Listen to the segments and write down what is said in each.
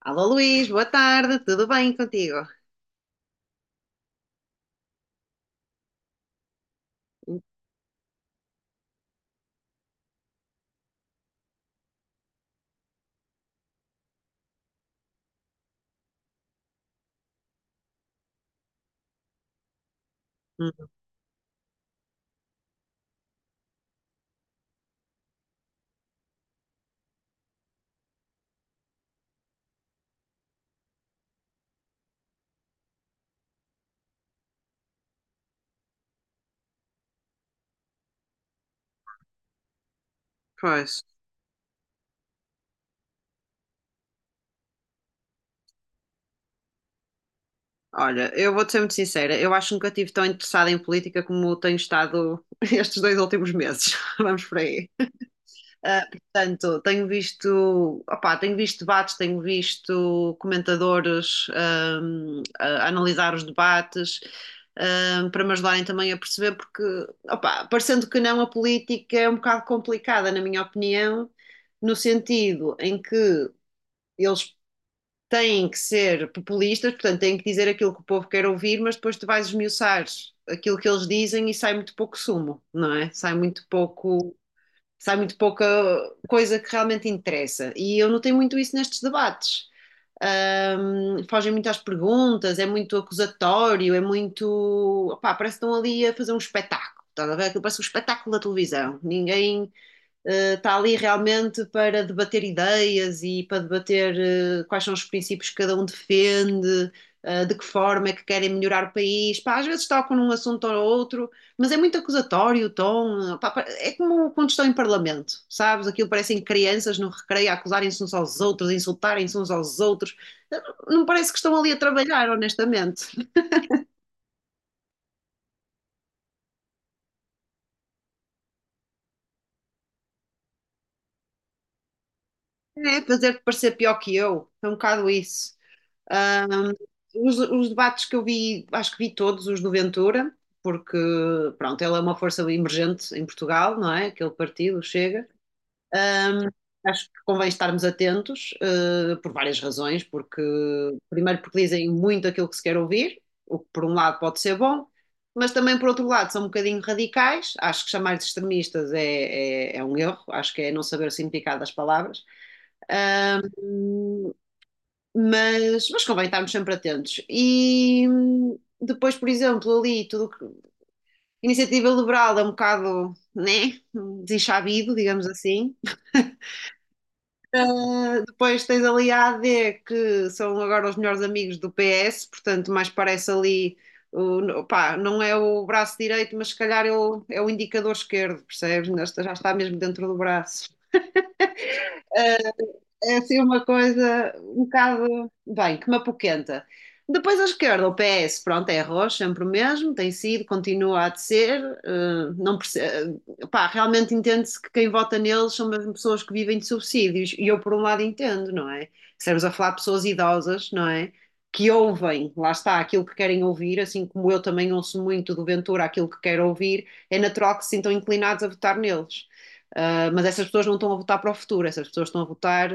Alô Luís, boa tarde, tudo bem contigo? Hum. Pois, olha, eu vou-te ser muito sincera, eu acho que nunca estive tão interessada em política como tenho estado estes 2 últimos meses, vamos por aí. Ah, portanto, tenho visto, opá, tenho visto debates, tenho visto comentadores a analisar os debates, para me ajudarem também a perceber, porque, opá, parecendo que não, a política é um bocado complicada, na minha opinião, no sentido em que eles têm que ser populistas, portanto, têm que dizer aquilo que o povo quer ouvir, mas depois tu vais esmiuçar aquilo que eles dizem e sai muito pouco sumo, não é? Sai muito pouco, sai muito pouca coisa que realmente interessa. E eu notei muito isso nestes debates. Fogem muito às perguntas, é muito acusatório, é muito. Opá, parece que estão ali a fazer um espetáculo. Estás a ver? Parece um espetáculo da televisão. Ninguém está ali realmente para debater ideias e para debater quais são os princípios que cada um defende, de que forma é que querem melhorar o país. Pá, às vezes tocam num assunto ou outro, mas é muito acusatório o tom. Pá, é como quando estão em parlamento, sabes? Aquilo parecem crianças no recreio a acusarem-se uns aos outros, a insultarem-se uns aos outros. Não parece que estão ali a trabalhar, honestamente. É fazer-te parecer pior que eu. É um bocado isso. Ahm, os debates que eu vi, acho que vi todos os do Ventura, porque, pronto, ele é uma força emergente em Portugal, não é? Aquele partido o chega. Ahm, Acho que convém estarmos atentos, por várias razões, porque, primeiro, porque dizem muito aquilo que se quer ouvir, o que por um lado pode ser bom, mas também, por outro lado, são um bocadinho radicais. Acho que chamar de extremistas é um erro, acho que é não saber o significado das palavras. Mas convém estarmos sempre atentos. E depois, por exemplo, ali, tudo que. Iniciativa Liberal é um bocado, né? Desinchabido, digamos assim. Depois tens ali a AD, que são agora os melhores amigos do PS, portanto, mais parece ali. O, pá, não é o braço direito, mas se calhar é o indicador esquerdo, percebes? Já está mesmo dentro do braço. É assim uma coisa um bocado, bem, que me apoquenta. Depois à esquerda, o PS, pronto, é arroz, sempre o mesmo, tem sido, continua a de ser. Eh, não perce- eh, Pá, realmente entende-se que quem vota neles são mesmo pessoas que vivem de subsídios. E eu, por um lado, entendo, não é? Estamos a falar de pessoas idosas, não é? Que ouvem, lá está, aquilo que querem ouvir, assim como eu também ouço muito do Ventura aquilo que quero ouvir, é natural que se sintam inclinados a votar neles. Ah, mas essas pessoas não estão a votar para o futuro, essas pessoas estão a votar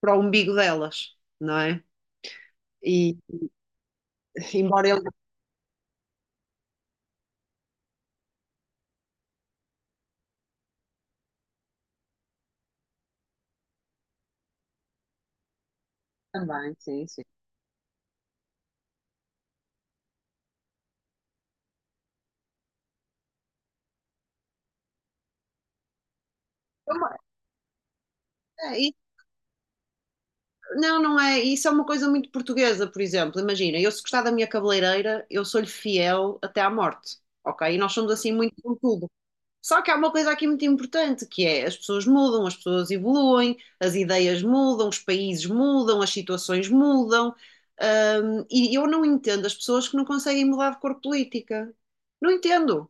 para o umbigo delas, não é? E embora ele também, sim, sim. É uma- é, e- Não, não é. Isso é uma coisa muito portuguesa, por exemplo. Imagina, eu se gostar da minha cabeleireira, eu sou-lhe fiel até à morte, ok? E nós somos assim muito com tudo. Só que há uma coisa aqui muito importante, que é as pessoas mudam, as pessoas evoluem, as ideias mudam, os países mudam, as situações mudam. E eu não entendo as pessoas que não conseguem mudar de cor política. Não entendo.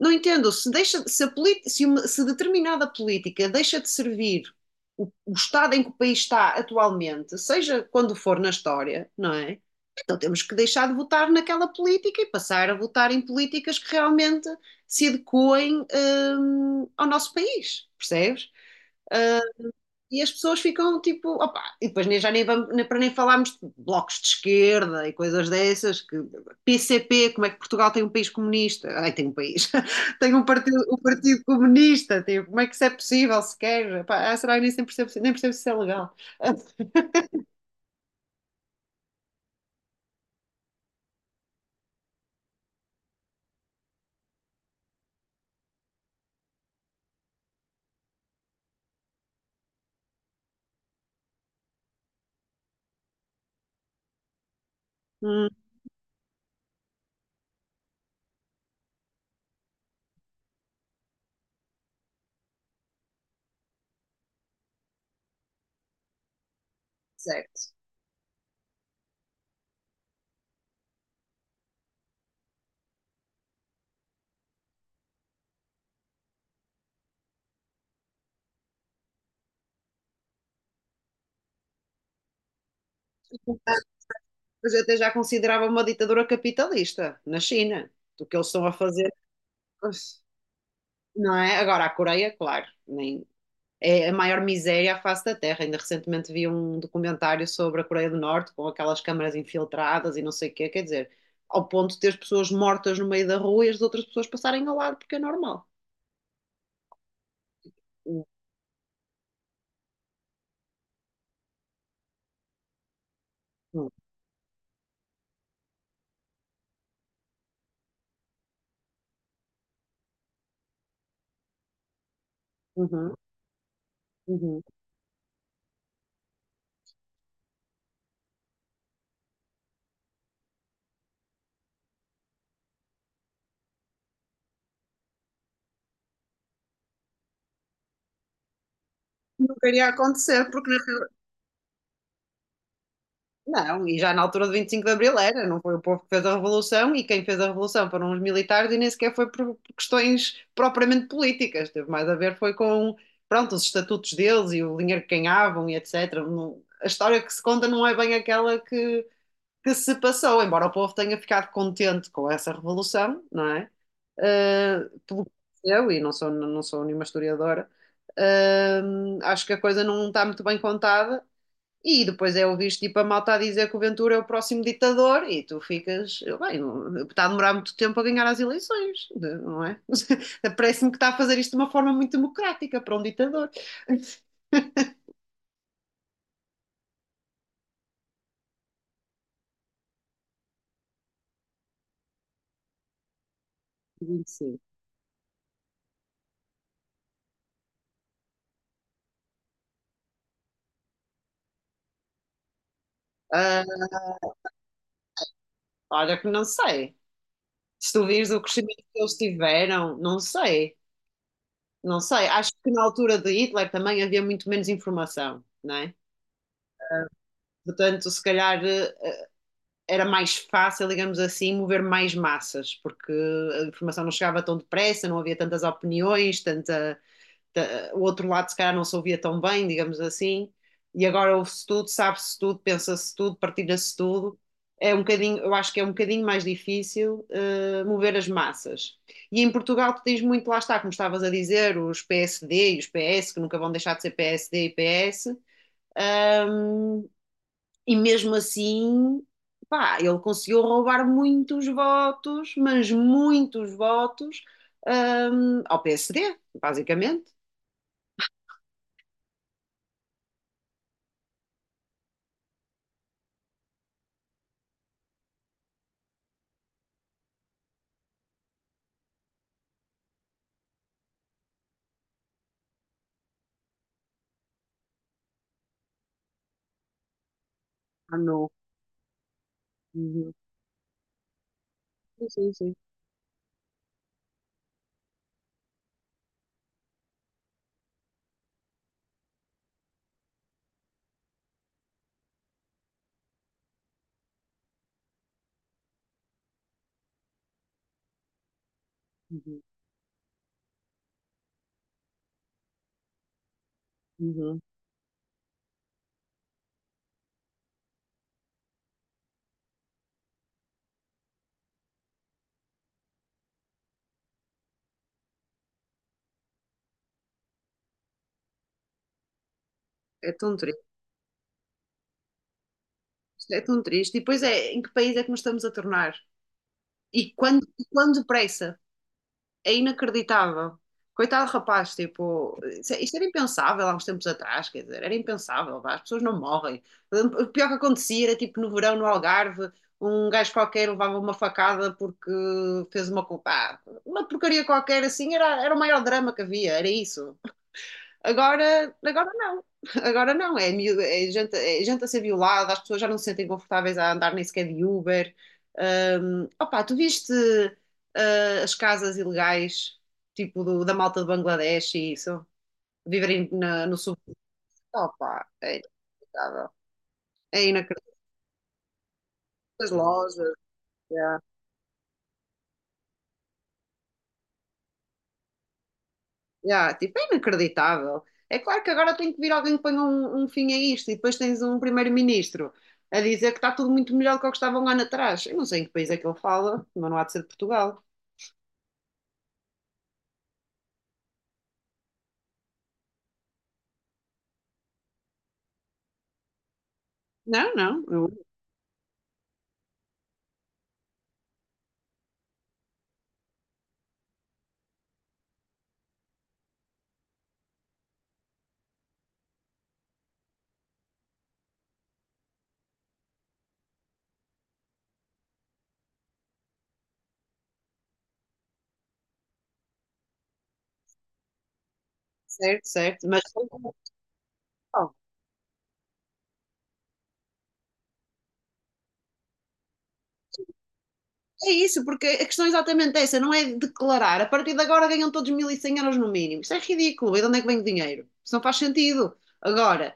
Não entendo, se, deixa, se, a polit- se uma- se determinada política deixa de servir o estado em que o país está atualmente, seja quando for na história, não é? Então temos que deixar de votar naquela política e passar a votar em políticas que realmente se adequem, ao nosso país, percebes? E as pessoas ficam tipo, opa, e depois nem, já nem vamos, nem, para nem falarmos de blocos de esquerda e coisas dessas, que PCP, como é que Portugal tem um país comunista? Ai, tem um país, tem um partido comunista, tipo, como é que isso é possível sequer? Pá, ah, será que nem sempre percebo, nem percebo se isso é legal? Hum, certo. Ah, mas eu até já considerava uma ditadura capitalista na China, do que eles estão a fazer, não é? Agora a Coreia, claro, nem, é a maior miséria à face da Terra. Ainda recentemente vi um documentário sobre a Coreia do Norte, com aquelas câmaras infiltradas e não sei o quê, quer dizer, ao ponto de ter pessoas mortas no meio da rua e as outras pessoas passarem ao lado, porque é normal. Uhum, uhum, uhum. Não queria acontecer. Porque na Não, e já na altura de 25 de Abril era, não foi o povo que fez a revolução e quem fez a revolução foram os militares e nem sequer foi por questões propriamente políticas, teve mais a ver foi com, pronto, os estatutos deles e o dinheiro que ganhavam e etc. A história que se conta não é bem aquela que se passou, embora o povo tenha ficado contente com essa revolução, não é? Ah, pelo que aconteceu, e não sou nenhuma historiadora, ah, acho que a coisa não está muito bem contada e depois é ouvir tipo a malta a dizer que o Ventura é o próximo ditador e tu ficas, bem, está a demorar muito tempo a ganhar as eleições, não é? Parece-me que está a fazer isto de uma forma muito democrática para um ditador. Sim. Ah, olha que não sei. Se tu vires o crescimento que eles tiveram, não sei, não sei. Acho que na altura de Hitler também havia muito menos informação, não é? Portanto, se calhar era mais fácil, digamos assim, mover mais massas, porque a informação não chegava tão depressa, não havia tantas opiniões, tanta, o outro lado se calhar não se ouvia tão bem, digamos assim, e agora ouve-se tudo, sabe-se tudo, pensa-se tudo, partilha-se tudo. É um bocadinho, eu acho que é um bocadinho mais difícil mover as massas. E em Portugal tu tens muito, lá está, como estavas a dizer, os PSD e os PS, que nunca vão deixar de ser PSD e PS, e mesmo assim, pá, ele conseguiu roubar muitos votos, mas muitos votos, ao PSD, basicamente. Ah, não. Uhum. Sim, sim, sim. Uhum. Uhum. É tão triste, é tão triste. E depois é, em que país é que nos estamos a tornar? E quando depressa? É inacreditável. Coitado do rapaz, tipo, isto era impensável há uns tempos atrás, quer dizer, era impensável, vá, as pessoas não morrem. O pior que acontecia era tipo no verão, no Algarve, um gajo qualquer levava uma facada porque fez uma culpa. Ah, uma porcaria qualquer assim, era o maior drama que havia, era isso. Agora, agora não. Agora não. É gente, é gente a ser violada, as pessoas já não se sentem confortáveis a andar nem sequer de Uber. Opa, tu viste, ah, as casas ilegais, tipo da malta de Bangladesh e isso? Viverem. Na- no sub Opa, é inacreditável. É inacreditável. As lojas. Yeah. Já, tipo, é inacreditável. É claro que agora tem que vir alguém que ponha um fim a isto e depois tens um primeiro-ministro a dizer que está tudo muito melhor do que o que estava um ano atrás. Eu não sei em que país é que ele fala, mas não há de ser de Portugal. Não, não, certo, certo, mas é isso, porque a questão é exatamente essa, não é declarar. A partir de agora ganham todos 1100 euros no mínimo. Isso é ridículo. E de onde é que vem o dinheiro? Isso não faz sentido. Agora,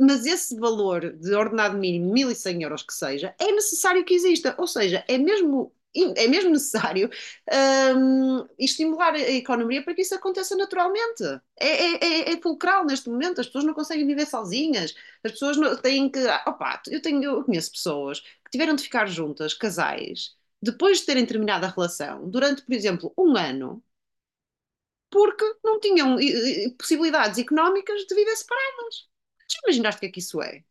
mas esse valor de ordenado mínimo, 1100 euros que seja, é necessário que exista. Ou seja, é mesmo necessário estimular a economia para que isso aconteça naturalmente. É, é, é fulcral neste momento, as pessoas não conseguem viver sozinhas, as pessoas não, têm que. Ah, opa, eu conheço pessoas que tiveram de ficar juntas, casais, depois de terem terminado a relação, durante, por exemplo, um ano, porque não tinham possibilidades económicas de viver separadas. Já imaginaste o que é que isso é?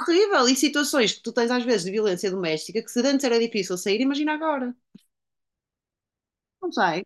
Horrível. E situações que tu tens às vezes de violência doméstica que se antes era difícil sair, imagina agora. Não sai,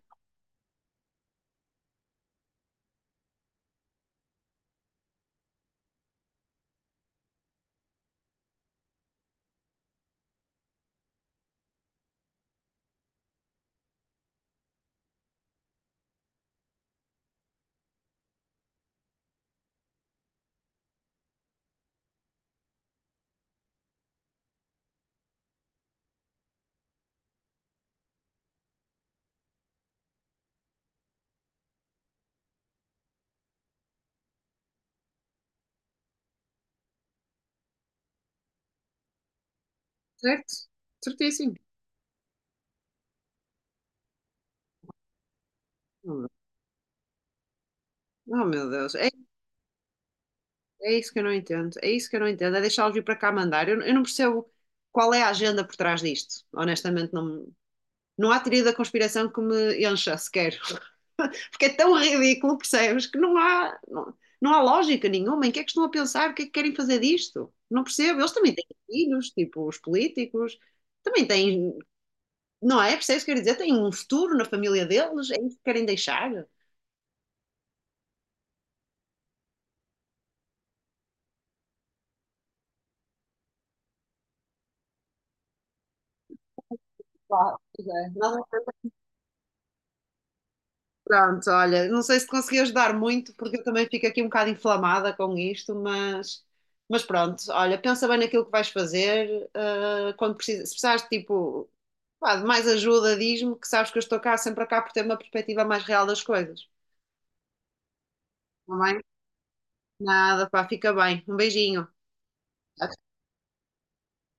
certo? Certíssimo. Oh meu Deus, é isso que eu não entendo. É isso que eu não entendo. É deixá-los vir para cá mandar. Eu não percebo qual é a agenda por trás disto. Honestamente, não, não há teoria da conspiração que me encha sequer. Porque é tão ridículo, percebes? Que não há, não, não há lógica nenhuma. Em que é que estão a pensar? O que é que querem fazer disto? Não percebo. Eles também têm filhos, tipo os políticos, também têm. Não é? Percebes o que eu quero dizer? Têm um futuro na família deles? É isso que querem deixar? Claro, pois é. Pronto, olha, não sei se te consegui ajudar muito, porque eu também fico aqui um bocado inflamada com isto, mas pronto, olha, pensa bem naquilo que vais fazer, ah, quando precisas, se precisares de tipo, pá, de mais ajuda, diz-me que sabes que eu estou cá, sempre cá, por ter uma perspectiva mais real das coisas, não é? Nada, pá, fica bem, um beijinho.